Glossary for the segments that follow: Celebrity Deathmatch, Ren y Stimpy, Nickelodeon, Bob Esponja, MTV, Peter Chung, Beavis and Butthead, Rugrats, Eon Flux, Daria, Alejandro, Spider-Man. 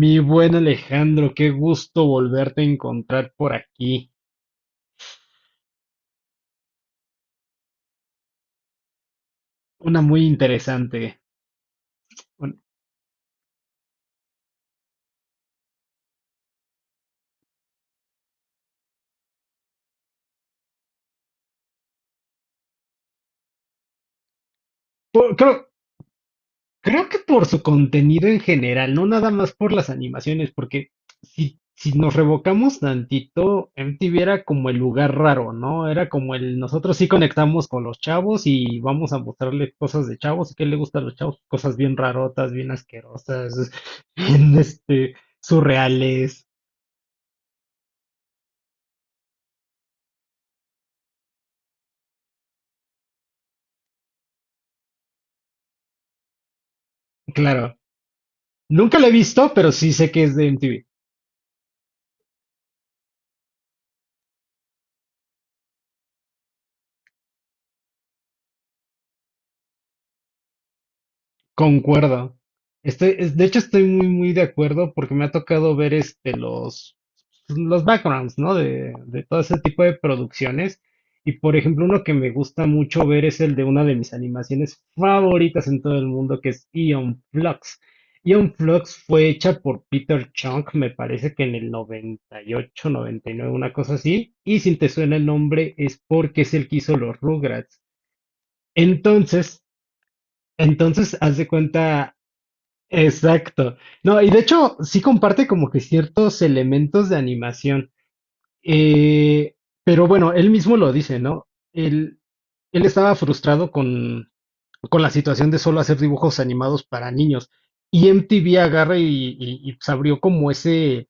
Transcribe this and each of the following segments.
Mi buen Alejandro, qué gusto volverte a encontrar por aquí. Una muy interesante. Un- por- creo, Creo que por su contenido en general, no nada más por las animaciones, porque si nos revocamos tantito, MTV era como el lugar raro, ¿no? Era como el nosotros sí conectamos con los chavos y vamos a mostrarle cosas de chavos y qué le gusta a los chavos, cosas bien rarotas, bien asquerosas, bien surreales. Claro. Nunca lo he visto, pero sí sé que es de MTV. Concuerdo. De hecho, estoy muy, muy de acuerdo porque me ha tocado ver los backgrounds, ¿no? De todo ese tipo de producciones. Y por ejemplo, uno que me gusta mucho ver es el de una de mis animaciones favoritas en todo el mundo, que es Eon Flux. Eon Flux fue hecha por Peter Chung, me parece que en el 98, 99, una cosa así. Y si te suena el nombre es porque es el que hizo los Rugrats. Entonces, Entonces, haz de cuenta, exacto. No, y de hecho, sí comparte como que ciertos elementos de animación. Eh, pero bueno, él mismo lo dice, ¿no? Él, él estaba frustrado con la situación de solo hacer dibujos animados para niños. Y MTV agarra y pues, abrió como ese,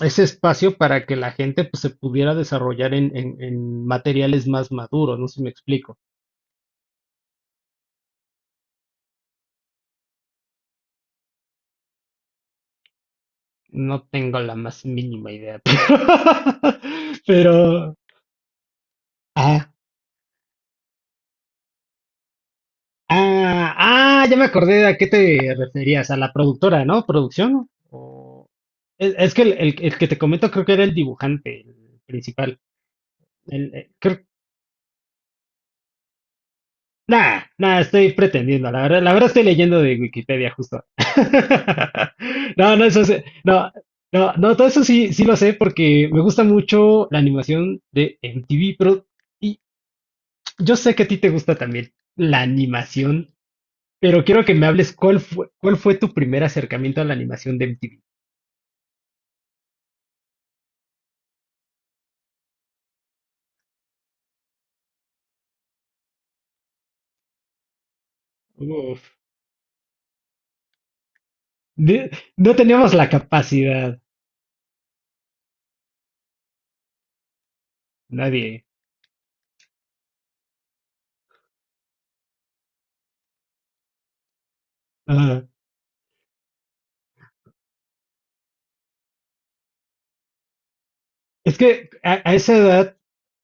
ese espacio para que la gente pues, se pudiera desarrollar en materiales más maduros, no sé si me explico. No tengo la más mínima idea, pero... Ah, ah, ah, ya me acordé a qué te referías, a la productora, ¿no? ¿Producción? O... Es que el que te comento creo que era el dibujante, el principal. El, eh, creo- Nah, nah, estoy pretendiendo, la verdad estoy leyendo de Wikipedia justo. No, no, no, no, no, todo eso sí, sí lo sé porque me gusta mucho la animación de MTV, pero... Yo sé que a ti te gusta también la animación, pero quiero que me hables cuál fue tu primer acercamiento a la animación de MTV. Uf, de- no teníamos la capacidad, nadie. Ajá. Es que a, a esa edad,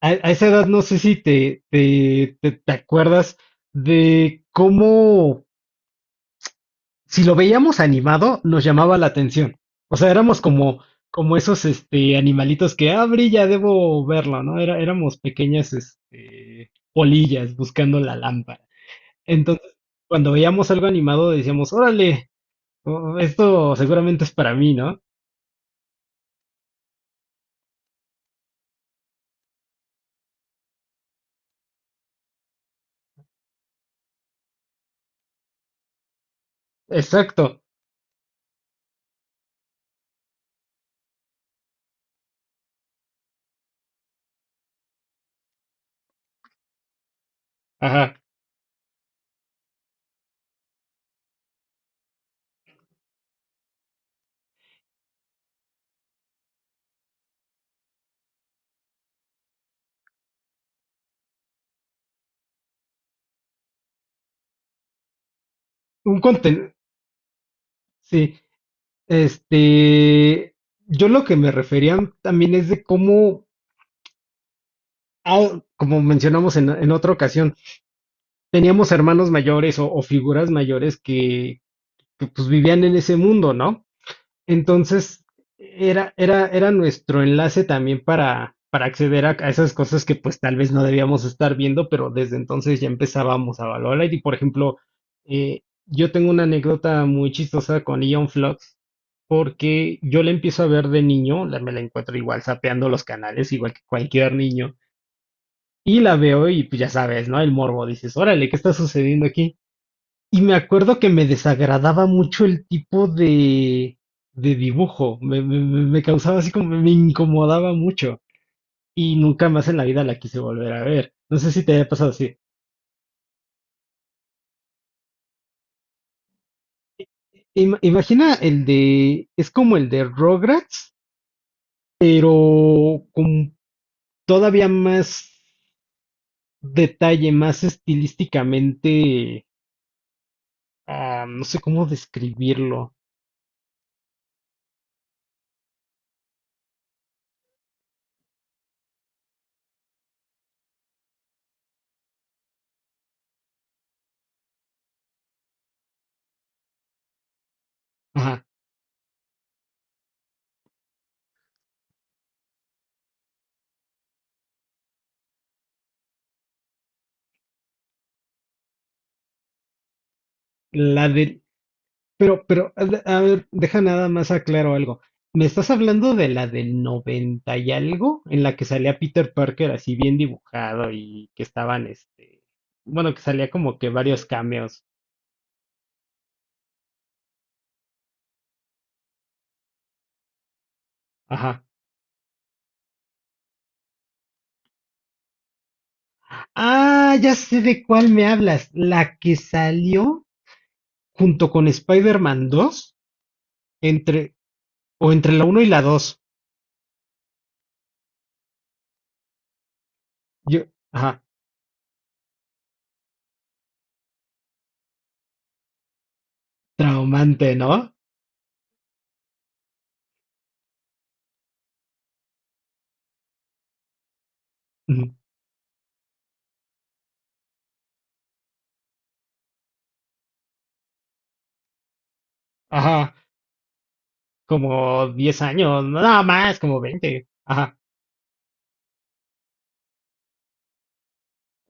a, a esa edad no sé si te acuerdas de cómo si lo veíamos animado, nos llamaba la atención. O sea, éramos como esos animalitos que, ah, brilla, debo verlo, ¿no? Era, éramos pequeñas polillas buscando la lámpara. Entonces, cuando veíamos algo animado, decíamos, órale, oh, esto seguramente es para mí, ¿no? Exacto. Ajá. Un contenido. Sí. Este. Yo lo que me refería también es de cómo, ah, como mencionamos en otra ocasión, teníamos hermanos mayores o figuras mayores que pues vivían en ese mundo, ¿no? Entonces era nuestro enlace también para acceder a esas cosas que pues tal vez no debíamos estar viendo, pero desde entonces ya empezábamos a valorar. Y por ejemplo, yo tengo una anécdota muy chistosa con Ion Flux, porque yo la empiezo a ver de niño, me la encuentro igual sapeando los canales, igual que cualquier niño. Y la veo y pues ya sabes, ¿no? El morbo, dices, órale, ¿qué está sucediendo aquí? Y me acuerdo que me desagradaba mucho el tipo de dibujo. Me causaba así como, me incomodaba mucho. Y nunca más en la vida la quise volver a ver. No sé si te haya pasado así. Imagina el de, es como el de Rugrats, pero con todavía más detalle, más estilísticamente, no sé cómo describirlo. Ajá. La de, pero, a ver, deja nada más aclaro algo. ¿Me estás hablando de la del 90 y algo? En la que salía Peter Parker así bien dibujado y que estaban, bueno, que salía como que varios cameos. Ajá. Ah, ya sé de cuál me hablas. La que salió junto con Spider-Man 2, entre, o entre la uno y la dos. Yo, ajá, traumante, ¿no? Ujú. Ajá, como 10 años, no, nada más, como 20. Ajá.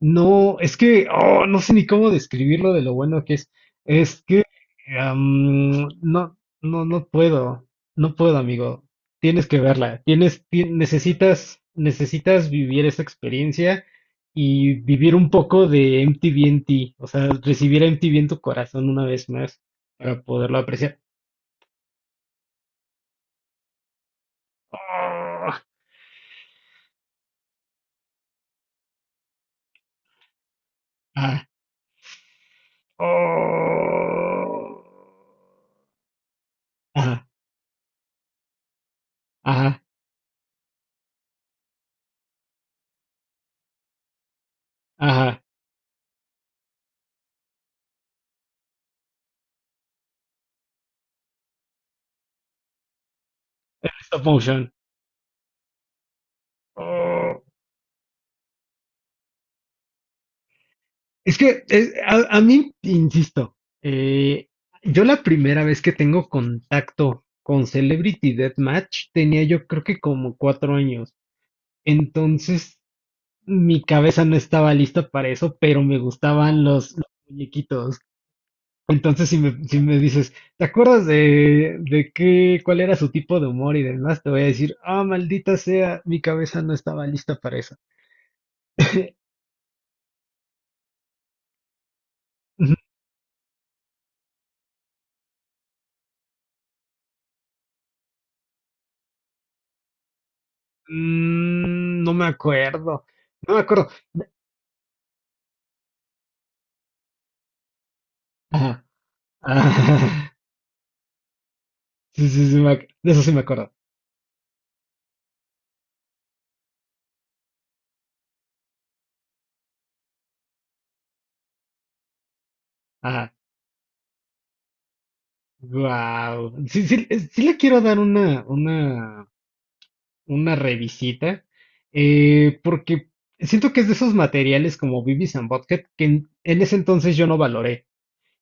No, es que no sé ni cómo describirlo de lo bueno que es. Es que no, no, no puedo, no puedo, amigo. Tienes, que verla. Necesitas vivir esa experiencia y vivir un poco de MTV en ti, o sea, recibir a MTV en tu corazón una vez más para poderlo apreciar. Oh, ah, oh, ajá, ajá, ajá. Stop motion. ¡Oh! A mí, insisto, eh, yo la primera vez que tengo contacto con Celebrity Deathmatch tenía yo creo que como 4 años. Entonces mi cabeza no estaba lista para eso, pero me gustaban los muñequitos. Entonces si me dices, ¿te acuerdas de cuál era su tipo de humor y demás? Te voy a decir, ah, maldita sea, mi cabeza no estaba lista para eso. No me acuerdo, no me acuerdo. Ajá. Ah, sí, sí, sí, de eso sí me acuerdo. Ajá. Wow. Sí, sí, sí le quiero dar una revisita, porque siento que es de esos materiales como Beavis and Butthead que en ese entonces yo no valoré.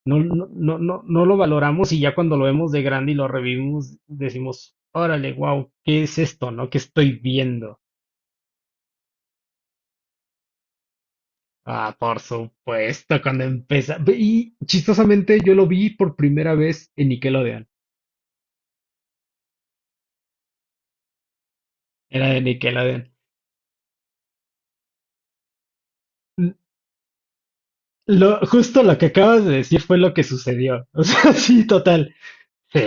No, no, no, no, no lo valoramos y ya cuando lo vemos de grande y lo revivimos, decimos, órale, wow, ¿qué es esto, no? ¿Qué estoy viendo? Ah, por supuesto, cuando empieza. Y chistosamente yo lo vi por primera vez en Nickelodeon. Era de Nickelodeon. Justo lo que acabas de decir fue lo que sucedió. O sea, sí, total. Sí.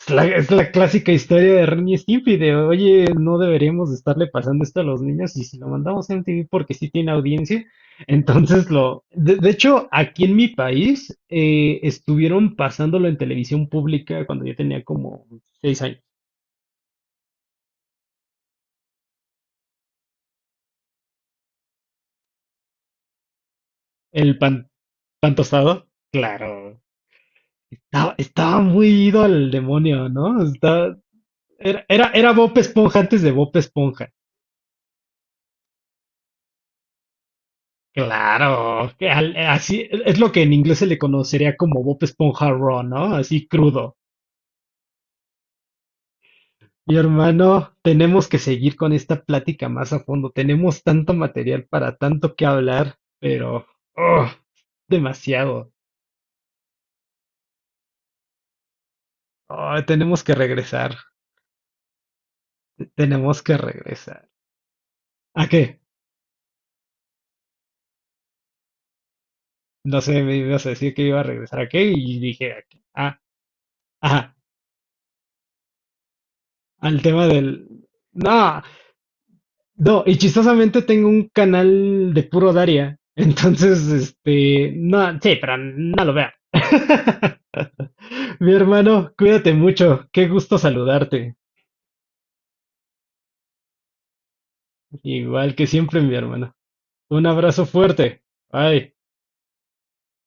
Es la clásica historia de Ren y Stimpy de, oye, no deberíamos estarle pasando esto a los niños y si lo mandamos a MTV porque sí tiene audiencia, entonces. De hecho, aquí en mi país estuvieron pasándolo en televisión pública cuando yo tenía como 6 años. El pan, pan tostado, claro. Estaba muy ido al demonio, ¿no? Era Bob Esponja antes de Bob Esponja. Claro, que así es lo que en inglés se le conocería como Bob Esponja Raw, ¿no? Así crudo. Mi hermano, tenemos que seguir con esta plática más a fondo. Tenemos tanto material para tanto que hablar, pero oh, demasiado. Oh, tenemos que regresar. Tenemos que regresar. ¿A qué? No sé, me ibas a decir que iba a regresar a qué y dije a qué. Ah, ajá, al tema del... No, No, y chistosamente tengo un canal de puro Daria. Entonces, no, sí, pero no lo veo. Mi hermano, cuídate mucho. Qué gusto saludarte. Igual que siempre, mi hermano. Un abrazo fuerte. Bye.